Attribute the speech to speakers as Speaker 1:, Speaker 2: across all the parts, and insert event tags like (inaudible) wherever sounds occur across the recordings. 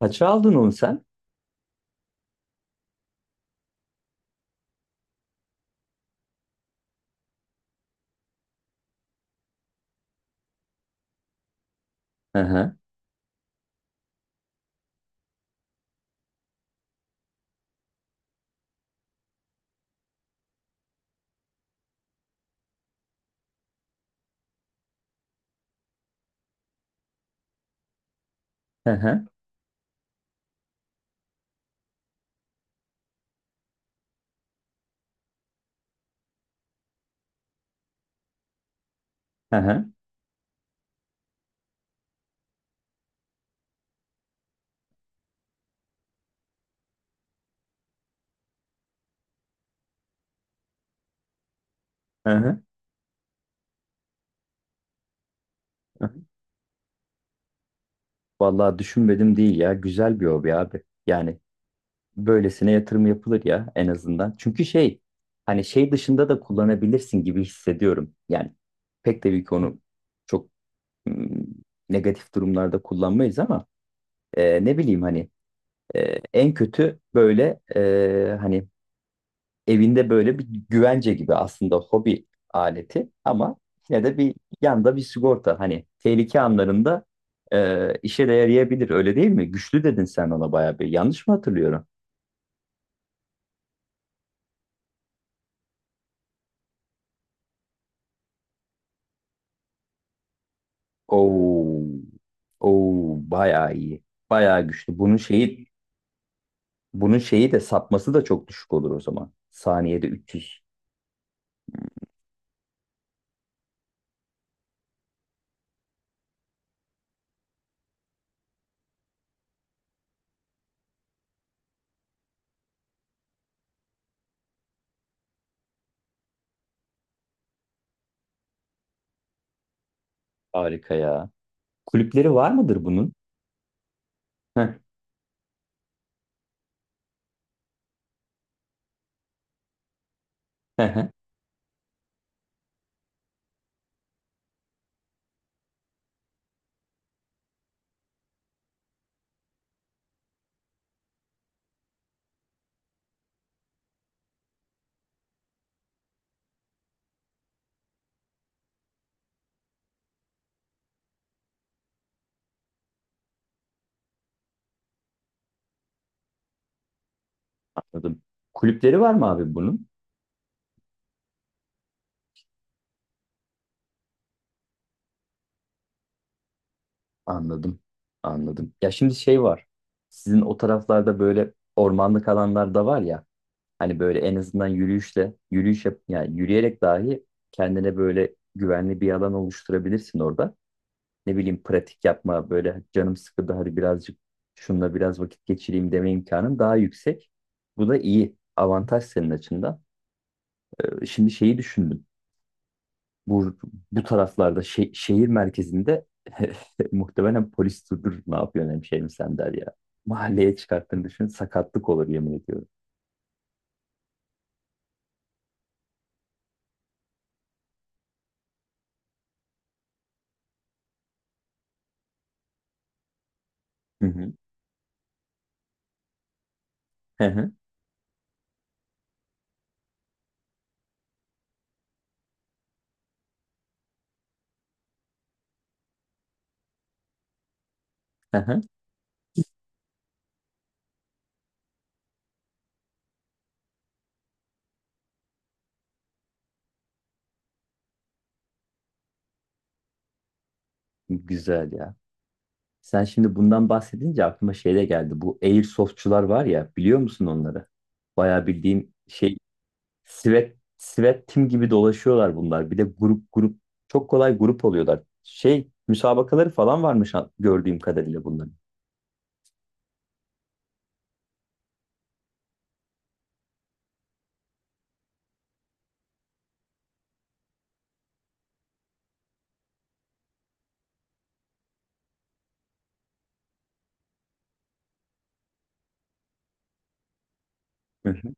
Speaker 1: Kaça aldın onu sen? Hı hı, hı hı, hı hı, hı hı. Hı hı. Vallahi düşünmedim değil ya. Güzel bir hobi abi. Yani böylesine yatırım yapılır ya, en azından. Çünkü şey, hani şey dışında da kullanabilirsin gibi hissediyorum. Yani pek tabii ki onu çok ım, negatif durumlarda kullanmayız ama ne bileyim hani, e, en kötü böyle hani evinde böyle bir güvence gibi, aslında hobi aleti ama yine de bir yanda bir sigorta, hani tehlike anlarında işe de yarayabilir, öyle değil mi? Güçlü dedin sen ona bayağı, bir yanlış mı hatırlıyorum? Oo, oo bayağı iyi. Bayağı güçlü. Bunun şeyi de, sapması da çok düşük olur o zaman. Saniyede 300. Harika ya. Kulüpleri var mıdır bunun? Heh, heh, heh. Anladım. Kulüpleri var mı abi bunun? Anladım. Anladım. Ya, şimdi şey var. Sizin o taraflarda böyle ormanlık alanlar da var ya. Hani böyle en azından yürüyüşle, yürüyüş yap, yani yürüyerek dahi kendine böyle güvenli bir alan oluşturabilirsin orada. Ne bileyim, pratik yapma, böyle canım sıkıldı hadi birazcık şununla biraz vakit geçireyim deme imkanın daha yüksek. Bu da iyi. Avantaj senin açından. Şimdi şeyi düşündüm, bu, bu taraflarda şehir merkezinde (laughs) muhtemelen polis durdur ne yapıyorsun hemşehrim sen der ya. Mahalleye çıkarttığını düşün, sakatlık olur yemin ediyorum. Hı hı. Hı hı. Hı hı. Güzel ya. Sen şimdi bundan bahsedince aklıma şey de geldi. Bu airsoftçular var ya, biliyor musun onları? Bayağı bildiğin şey, sivet sivet tim gibi dolaşıyorlar bunlar. Bir de grup grup çok kolay grup oluyorlar. Şey müsabakaları falan varmış gördüğüm kadarıyla bunların. Hı hı.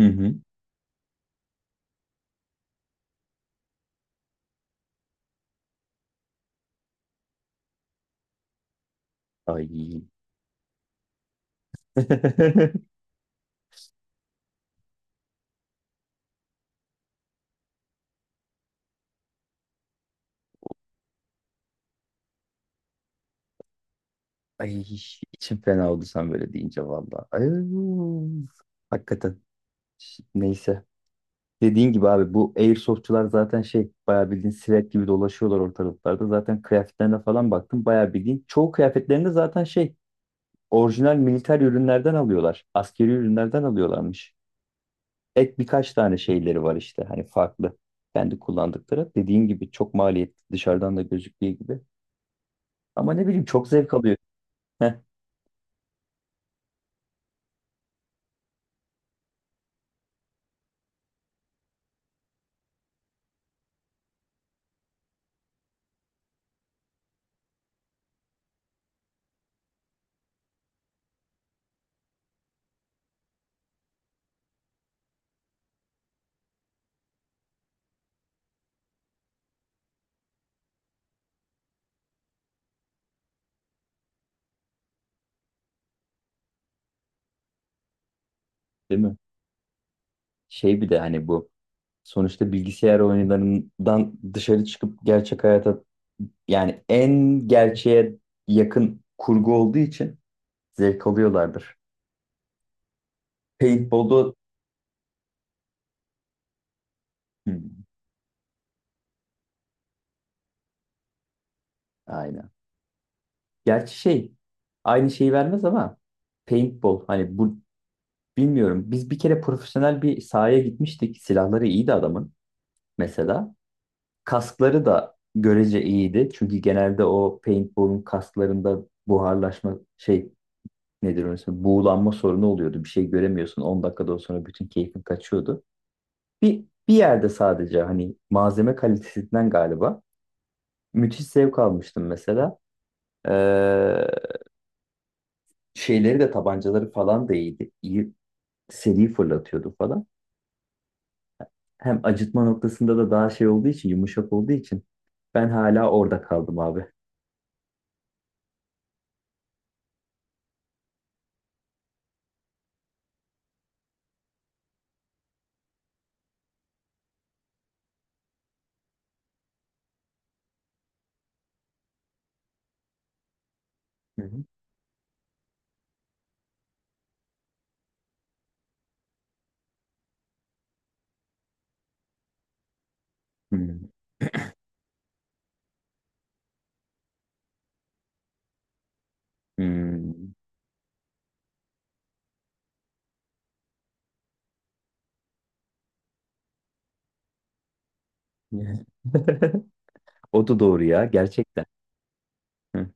Speaker 1: Hı hı. Ay (laughs) ay içim fena oldu sen böyle deyince valla. Ay, hakikaten. Neyse. Dediğin gibi abi, bu airsoftçular zaten şey, bayağı bildiğin silet gibi dolaşıyorlar ortalıklarda. Zaten kıyafetlerine falan baktım, bayağı bildiğin. Çoğu kıyafetlerinde zaten şey, orijinal militer ürünlerden alıyorlar. Askeri ürünlerden alıyorlarmış. Ek birkaç tane şeyleri var işte, hani farklı. Kendi kullandıkları. Dediğin gibi çok maliyetli, dışarıdan da gözüktüğü gibi. Ama ne bileyim, çok zevk alıyor. Heh, değil mi? Şey, bir de hani bu, sonuçta bilgisayar oyunlarından dışarı çıkıp gerçek hayata, yani en gerçeğe yakın kurgu olduğu için zevk alıyorlardır. Paintball'da hmm, aynen. Gerçi şey, aynı şeyi vermez ama paintball, hani bu, bilmiyorum. Biz bir kere profesyonel bir sahaya gitmiştik. Silahları iyiydi adamın mesela. Kaskları da görece iyiydi. Çünkü genelde o paintball'un kasklarında buharlaşma şey, nedir orası? Buğulanma sorunu oluyordu. Bir şey göremiyorsun. 10 dakikadan sonra bütün keyfin kaçıyordu. Bir yerde sadece hani malzeme kalitesinden galiba müthiş zevk almıştım mesela. Ee, Şeyleri de, tabancaları falan da iyiydi. İyi seri fırlatıyordu falan. Hem acıtma noktasında da daha şey olduğu için, yumuşak olduğu için ben hala orada kaldım abi. Hı hı. Hmm. Hmm. (laughs) O da doğru ya, gerçekten. Hı,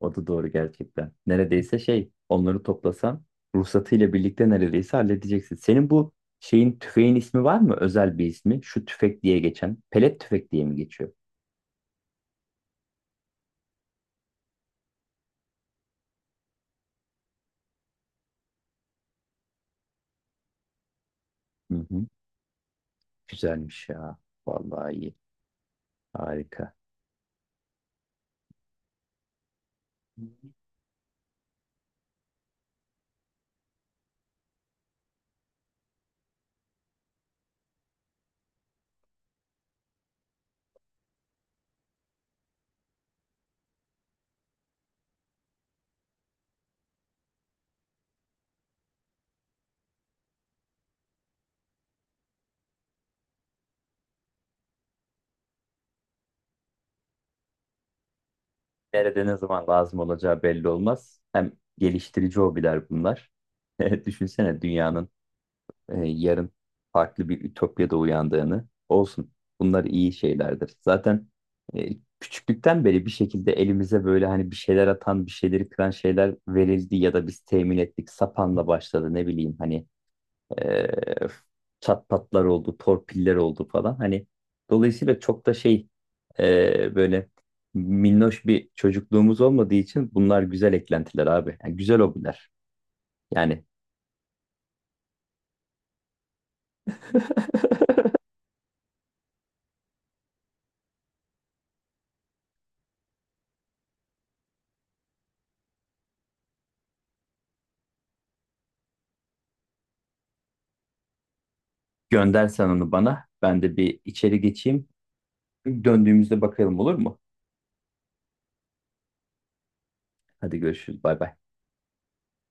Speaker 1: o da doğru gerçekten. Neredeyse şey, onları toplasan ruhsatıyla birlikte neredeyse halledeceksin. Senin bu şeyin, tüfeğin ismi var mı? Özel bir ismi. Şu tüfek diye geçen. Pelet tüfek diye mi geçiyor? Hı hı. Güzelmiş ya. Vallahi iyi. Harika. Nerede ne zaman lazım olacağı belli olmaz. Hem geliştirici hobiler bunlar. (laughs) Düşünsene dünyanın yarın farklı bir ütopyada uyandığını olsun. Bunlar iyi şeylerdir. Zaten e, küçüklükten beri bir şekilde elimize böyle hani bir şeyler atan, bir şeyleri kıran şeyler verildi ya da biz temin ettik. Sapanla başladı, ne bileyim hani, e, çat patlar oldu, torpiller oldu falan. Hani dolayısıyla çok da şey, böyle minnoş bir çocukluğumuz olmadığı için bunlar güzel eklentiler abi. Yani güzel hobiler. Yani (laughs) gönder sen onu bana. Ben de bir içeri geçeyim. Döndüğümüzde bakalım, olur mu? Hadi görüşürüz. Bay bay.